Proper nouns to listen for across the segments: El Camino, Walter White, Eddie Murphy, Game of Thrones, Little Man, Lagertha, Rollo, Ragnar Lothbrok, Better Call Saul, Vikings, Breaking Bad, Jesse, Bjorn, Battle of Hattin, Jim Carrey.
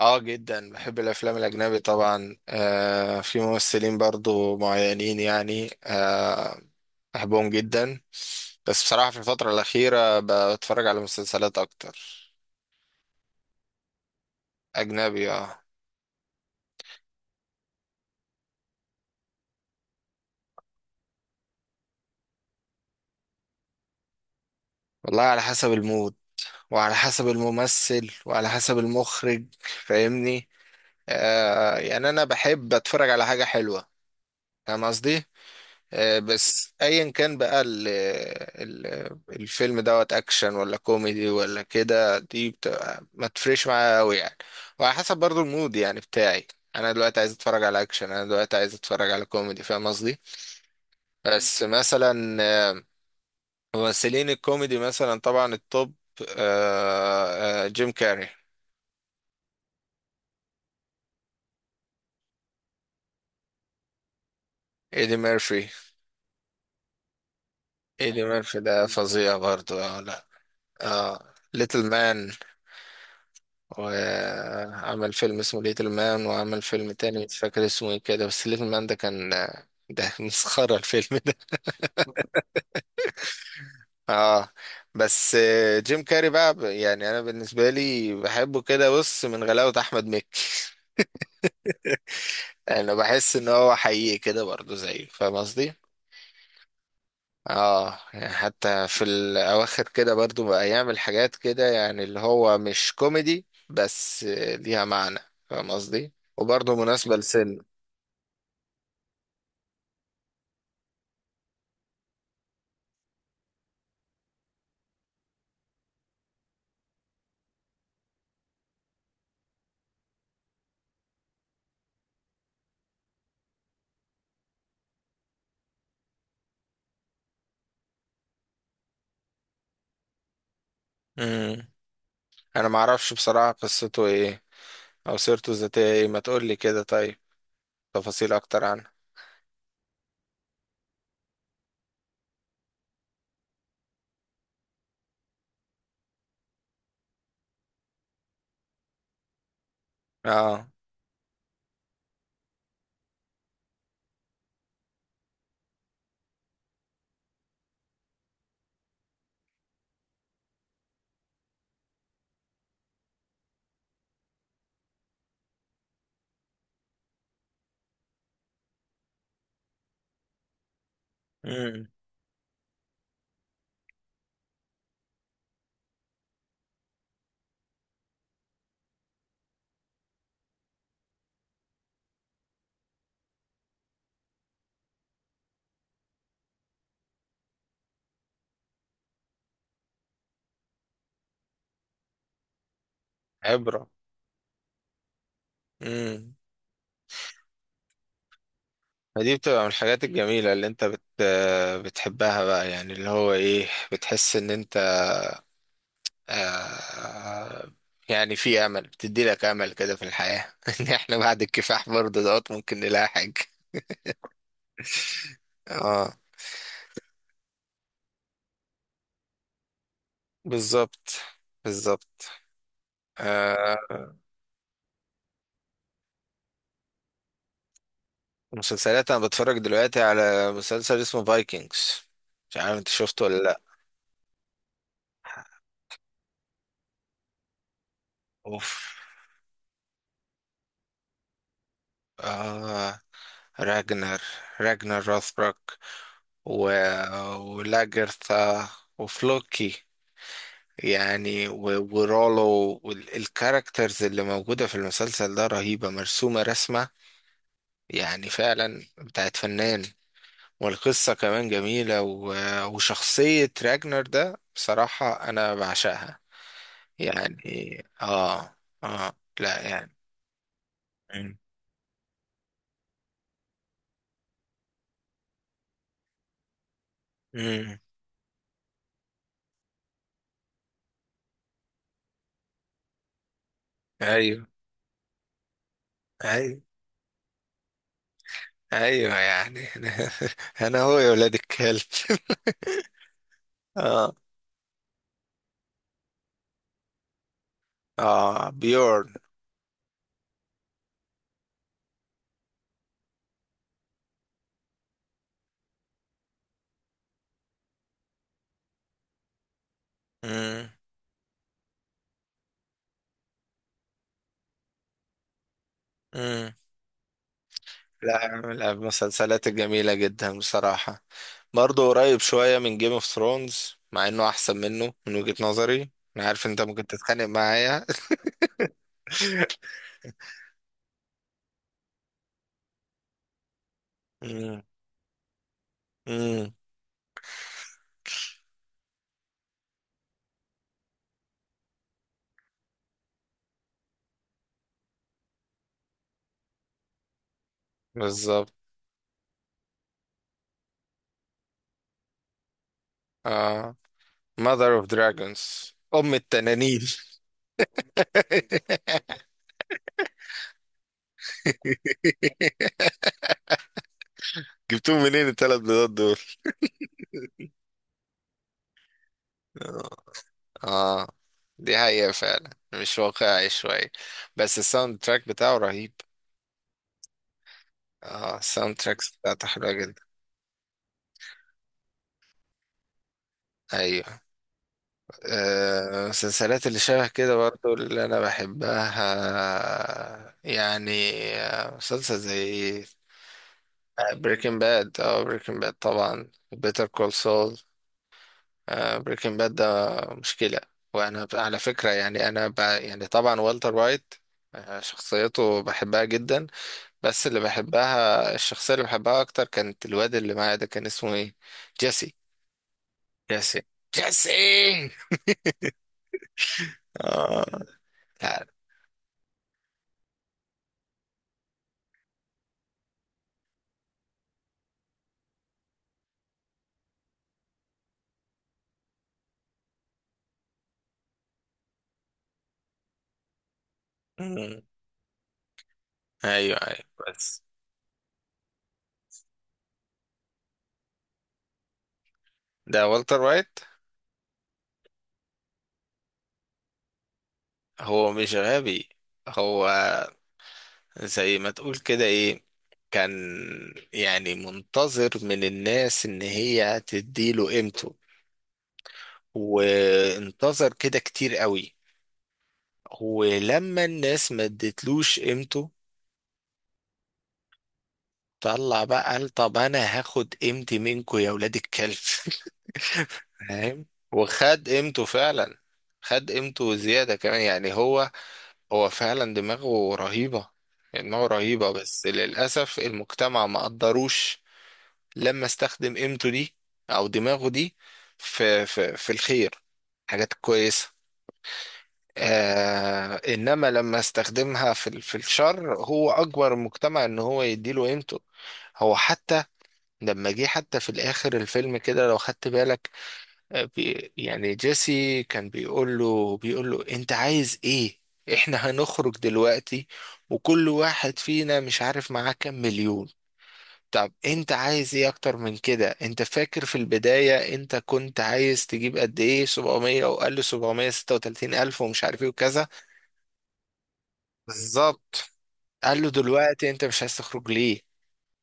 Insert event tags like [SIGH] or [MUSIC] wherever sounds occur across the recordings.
اه، جدا بحب الافلام الاجنبي طبعا، في ممثلين برضو معينين يعني، بحبهم جدا. بس بصراحة في الفترة الأخيرة بتفرج على مسلسلات أكتر أجنبي، اه. والله على حسب المود وعلى حسب الممثل وعلى حسب المخرج، فاهمني؟ يعني أنا بحب أتفرج على حاجة حلوة. فاهم قصدي؟ بس ايا كان بقى ال ال الفيلم دوت اكشن ولا كوميدي ولا كده، دي بتبقى ما تفرقش معايا قوي يعني. وعلى حسب برضو المود يعني بتاعي. انا دلوقتي عايز اتفرج على اكشن، انا دلوقتي عايز اتفرج على كوميدي. فاهم قصدي؟ بس مثلا، آه، ممثلين الكوميدي مثلا طبعا التوب، جيم كاري، ايدي ميرفي. ايدي ميرفي ده فظيع برضو، اه لا. اه، ليتل مان. وعمل فيلم اسمه ليتل مان، وعمل فيلم تاني مش فاكر اسمه ايه كده، بس ليتل مان ده كان، ده [LAUGHS] مسخرة الفيلم ده. اه، بس جيم كاري بقى يعني انا بالنسبة لي بحبه كده، بص، من غلاوة احمد مكي. [LAUGHS] انا بحس ان هو حقيقي كده برضه زيه، فاهم قصدي؟ اه، يعني حتى في الاواخر كده برضه بقى يعمل حاجات كده يعني، اللي هو مش كوميدي، بس ليها معنى. فاهم قصدي؟ وبرضه مناسبة. لسن، انا ما اعرفش بصراحة قصته ايه او سيرته الذاتية ايه. ما تقول لي كده طيب، تفاصيل اكتر عنه. اه. امم. عبرة. امم. فدي بتبقى من الحاجات الجميلة اللي انت بتحبها بقى، يعني اللي هو ايه، بتحس ان انت، آه، يعني في امل، بتدي لك امل كده في الحياة. [LAUGHS] ان احنا بعد الكفاح برضه دوت ممكن نلاقي حاجة. اه. بالظبط، بالظبط. آه. مسلسلات، انا بتفرج دلوقتي على مسلسل اسمه فايكنجز. مش عارف انت شفته ولا لا. اوف، آه، راجنر راجنر راثبروك، و... ولاجرثا، وفلوكي، يعني، ورولو، والكاركترز اللي موجودة في المسلسل ده رهيبة، مرسومة رسمة يعني فعلا بتاعت فنان. والقصة كمان جميلة، وشخصية راجنر ده بصراحة أنا بعشقها، يعني. اه، اه، لا يعني. مم. مم. ايوه ايوه ايوه يعني، [LAUGHS] انا هو يا ولاد الكلب. [LAUGHS] اه. اه، بيورن. مم. مم. لا، من المسلسلات الجميلة جدا بصراحة. برضه قريب شوية من جيم اوف ثرونز، مع انه احسن منه من وجهة نظري. انا عارف انت ممكن تتخانق معايا. [LAUGHS] مم. مم. بالظبط. اه. Mother of Dragons، أم التنانين. [LAUGHS] جبتهم منين التلات بيضات دول؟ اه، آه، دي حقيقة فعلا، مش واقعي شوية. بس الساوند تراك بتاعه رهيب. اه، الساوند تراكس بتاعته حلوة جدا. ايوه. المسلسلات اللي شبه كده برضو اللي انا بحبها يعني، مسلسل زي بريكنج باد، اه بريكنج باد طبعا، بيتر كول سول. بريكنج باد ده مشكلة. وأنا على فكرة يعني، أنا يعني طبعا والتر وايت، شخصيته بحبها جدا. بس اللي بحبها، الشخصية اللي بحبها أكتر، كانت الواد اللي معايا ده كان اسمه إيه؟ جيسي. جيسي. جيسي. [LAUGHS] آه. لا. مم. أيوه أيوه، بس. ده والتر وايت. هو مش غبي، هو زي ما تقول كده إيه، كان يعني منتظر من الناس إن هي تديله قيمته، وانتظر كده كتير قوي. ولما الناس ما ادتلوش قيمته، طلع بقى قال طب انا هاخد قيمتي منكم يا ولاد الكلب. [LAUGHS] فاهم، وخد قيمته فعلا. خد قيمته زيادة كمان يعني. هو، هو فعلا دماغه رهيبة، دماغه رهيبة. بس للأسف المجتمع ما قدروش لما استخدم قيمته دي، أو دماغه دي، في في الخير، حاجات كويسة. آه، انما لما استخدمها في في الشر، هو اجبر المجتمع ان هو يديله قيمته. هو حتى، لما جه حتى في الاخر الفيلم كده، لو خدت بالك، بي يعني جيسي كان بيقول له، بيقول له انت عايز ايه؟ احنا هنخرج دلوقتي وكل واحد فينا مش عارف معاه كام مليون. طب انت عايز ايه اكتر من كده؟ انت فاكر في البداية انت كنت عايز تجيب قد ايه؟ 700، وقال له 736 الف، ومش عارف ايه وكذا. بالظبط. قال له دلوقتي انت مش عايز تخرج ليه؟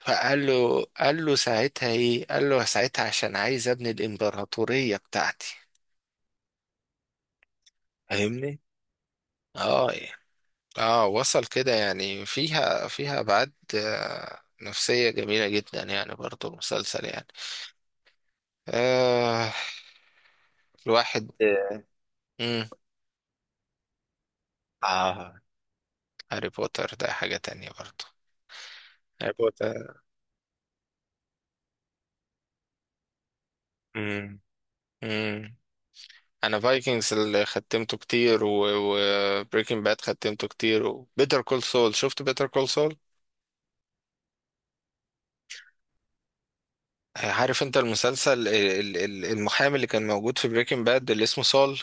فقال له، قال له ساعتها ايه؟ قال له ساعتها عشان عايز ابني الامبراطورية بتاعتي. فاهمني؟ اه يعني. اه، وصل كده يعني، فيها ابعاد نفسية جميلة جدا يعني، برضو المسلسل يعني. آه، الواحد، امم. اه، هاري بوتر ده حاجة تانية برضو. هاري بوتر، امم. انا فايكنجز اللي ختمته كتير، وبريكنج باد ختمته كتير، وبيتر كول سول. شفت بيتر كول سول؟ عارف انت المسلسل المحامي اللي كان موجود في بريكنج باد، اللي اسمه سول.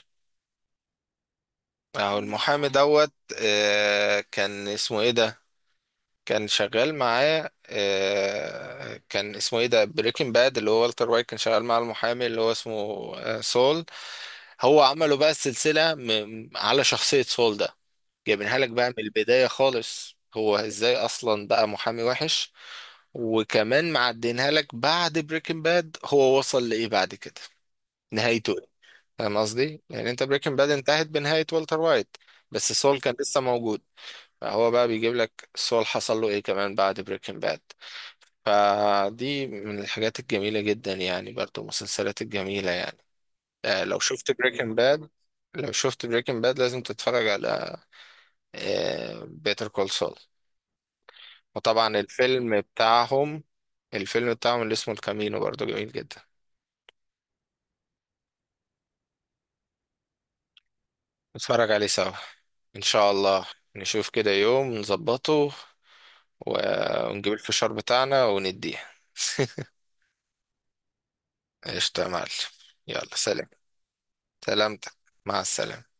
او المحامي دوت، كان اسمه ايه ده، كان شغال معاه، كان اسمه ايه ده؟ بريكنج باد اللي هو والتر وايت كان شغال مع المحامي اللي هو اسمه، سول. هو عمله بقى السلسلة على شخصية سول ده، جايبينها لك بقى من البداية خالص، هو ازاي اصلا بقى محامي وحش. وكمان معدينها لك بعد بريكنج باد هو وصل لإيه بعد كده، نهايته إيه؟ فاهم قصدي؟ يعني انت بريكنج باد انتهت بنهاية والتر وايت، بس سول كان لسه موجود. فهو بقى بيجيب لك سول حصل له ايه كمان بعد بريكنج باد. فدي من الحاجات الجميلة جدا يعني، برضو المسلسلات الجميلة يعني. لو شفت بريكنج باد، لو شفت بريكنج باد لازم تتفرج على بيتر كول سول. وطبعا الفيلم بتاعهم، الفيلم بتاعهم اللي اسمه الكامينو برضو جميل جدا. نتفرج عليه سوا، ان شاء الله. نشوف كده يوم نظبطه، ونجيب الفشار بتاعنا ونديه. [LAUGHS] قشطة يا معلم. يلا سلام. سلامتك. مع السلامة.